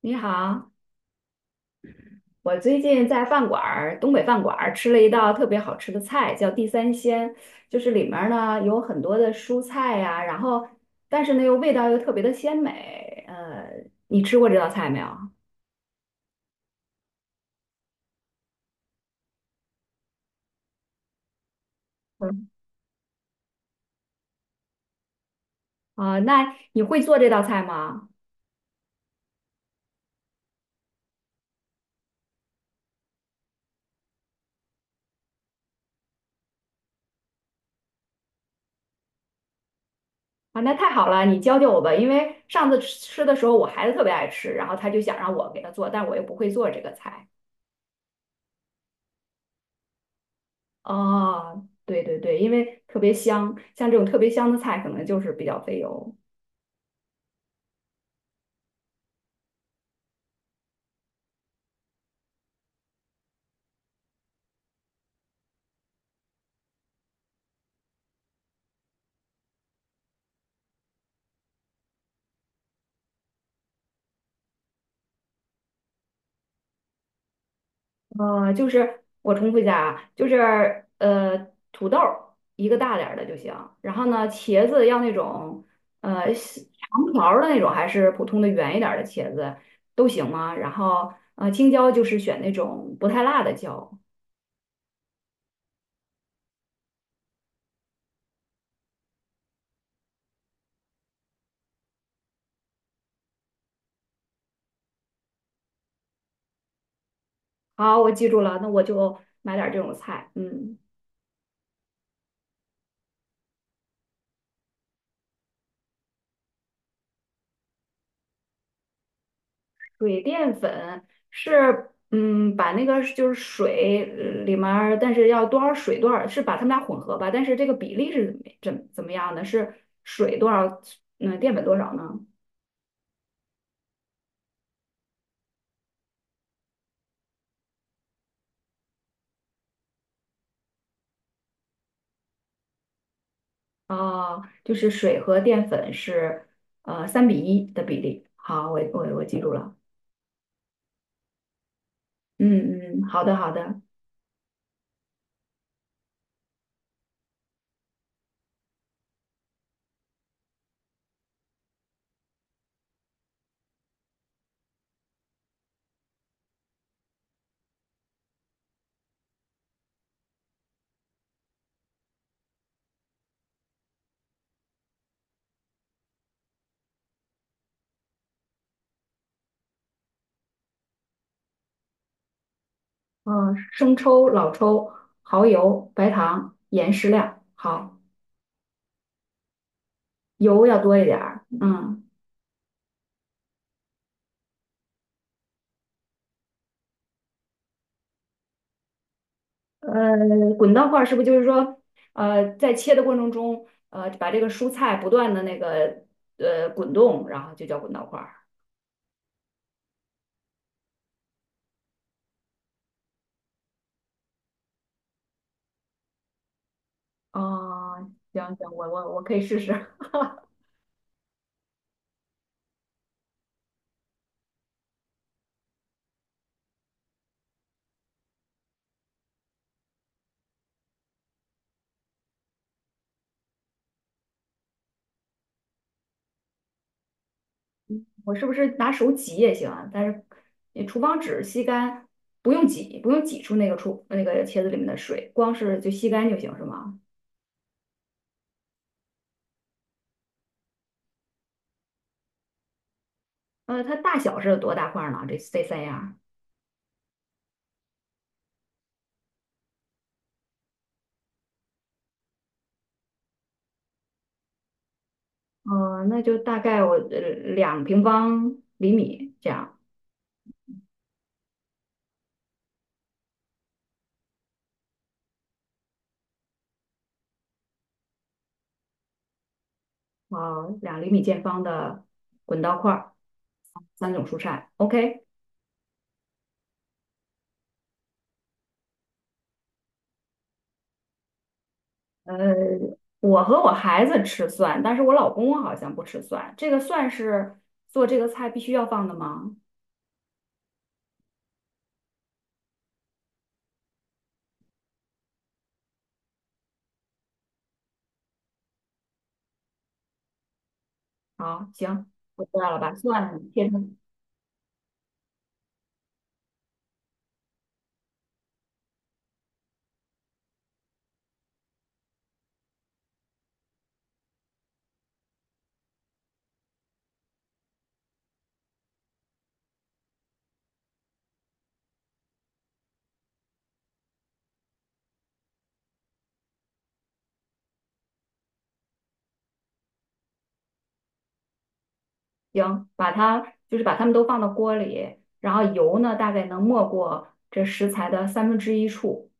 你好，我最近在饭馆儿，东北饭馆儿吃了一道特别好吃的菜，叫地三鲜，就是里面儿呢有很多的蔬菜呀、然后但是呢又味道又特别的鲜美。你吃过这道菜没有？嗯。啊、那你会做这道菜吗？啊，那太好了，你教教我吧，因为上次吃的时候我孩子特别爱吃，然后他就想让我给他做，但我又不会做这个菜。哦，对对对，因为特别香，像这种特别香的菜可能就是比较费油。就是我重复一下啊，就是土豆儿一个大点儿的就行，然后呢，茄子要那种细长条儿的那种，还是普通的圆一点儿的茄子都行吗？然后青椒就是选那种不太辣的椒。好，我记住了，那我就买点儿这种菜。嗯。水淀粉是，把那个是就是水里面儿但是要多少水多少，是把它们俩混合吧？但是这个比例是怎么样的？是水多少，淀粉多少呢？哦，就是水和淀粉是3:1的比例。好，我记住了。嗯嗯，好的好的。嗯、生抽、老抽、蚝油、白糖、盐适量。好，油要多一点儿。嗯。滚刀块儿是不是就是说，在切的过程中，把这个蔬菜不断的那个滚动，然后就叫滚刀块儿。哦，行行，我可以试试。我是不是拿手挤也行啊？但是你厨房纸吸干，不用挤，不用挤出那个出那个茄子里面的水，光是就吸干就行，是吗？它大小是有多大块儿呢？这三样儿？那就大概我2平方厘米这样。啊，2厘米见方的滚刀块儿，三种蔬菜。OK。呃，我和我孩子吃蒜，但是我老公好像不吃蒜。这个蒜是做这个菜必须要放的吗？好，行，我知道了，把蒜切成。行，把它就是把它们都放到锅里，然后油呢大概能没过这食材的三分之一处。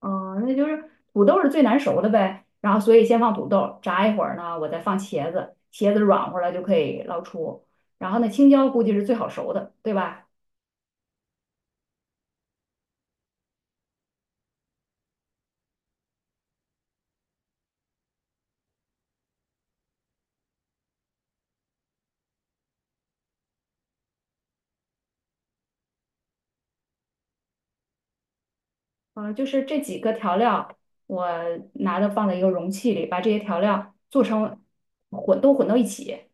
哦，那就是土豆是最难熟的呗，然后所以先放土豆，炸一会儿呢，我再放茄子，茄子软和了就可以捞出。然后呢，青椒估计是最好熟的，对吧？嗯，就是这几个调料，我拿到放在一个容器里，把这些调料做成混都混到一起。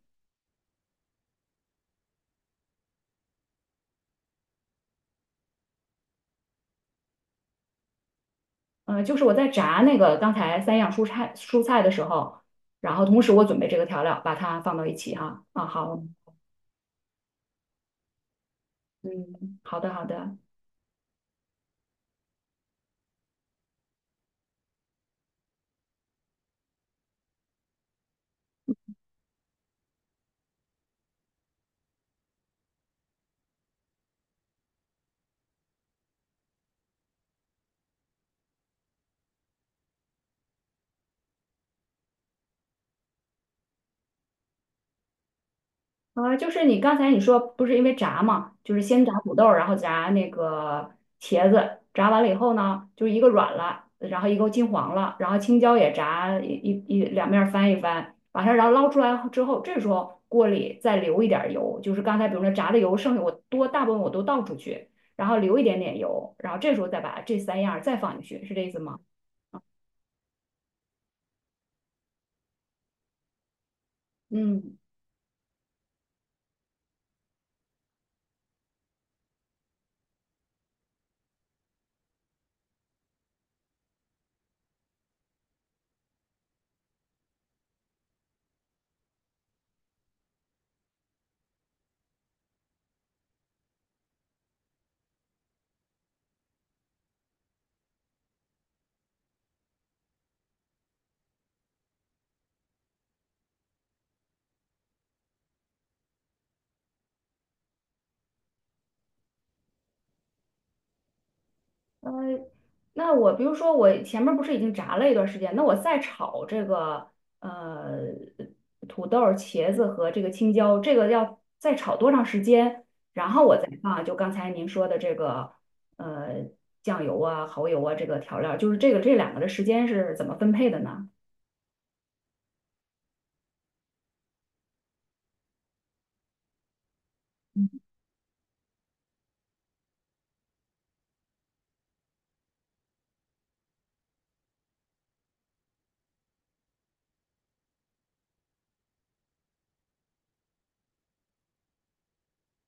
嗯，就是我在炸那个刚才三样蔬菜的时候，然后同时我准备这个调料，把它放到一起哈。啊，好。嗯，好的好的。啊，就是你刚才说不是因为炸嘛，就是先炸土豆儿然后炸那个茄子，炸完了以后呢，就是一个软了，然后一个金黄了，然后青椒也炸一一一两面儿翻一翻，把它然后捞出来之后，这时候锅里再留一点儿油，就是刚才比如说炸的油剩下我多大部分我都倒出去，然后留一点点油，然后这时候再把这三样儿再放进去，是这意思吗？嗯。呃，那我比如说我前面不是已经炸了一段时间，那我再炒这个呃土豆儿茄子和这个青椒，这个要再炒多长时间？然后我再放就刚才您说的这个呃酱油啊、蚝油啊这个调料就是这两个的时间是怎么分配的呢？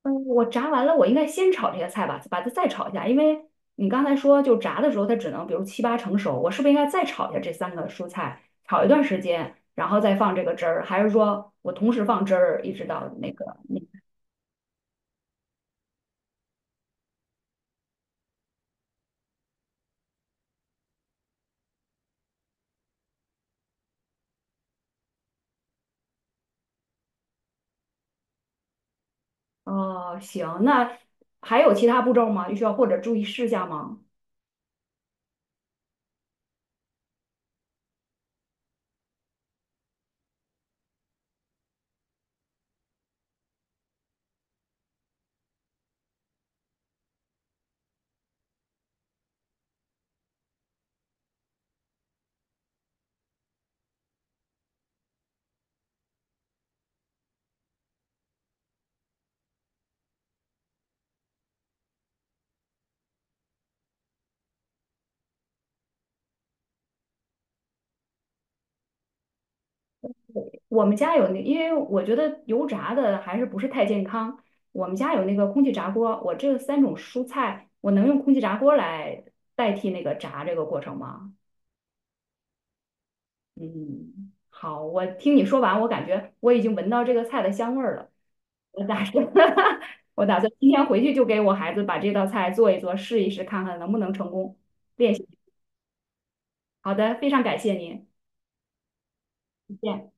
嗯，我炸完了，我应该先炒这个菜吧，把它再炒一下，因为你刚才说就炸的时候它只能比如七八成熟，我是不是应该再炒一下这三个蔬菜，炒一段时间，然后再放这个汁儿，还是说我同时放汁儿一直到那个。哦，行，那还有其他步骤吗？需要或者注意事项吗？我们家有那，因为我觉得油炸的还是不是太健康。我们家有那个空气炸锅，我这三种蔬菜，我能用空气炸锅来代替那个炸这个过程吗？嗯，好，我听你说完，我感觉我已经闻到这个菜的香味儿了。我打算，我打算今天回去就给我孩子把这道菜做一做，试一试，看看能不能成功练习。好的，非常感谢您，再见。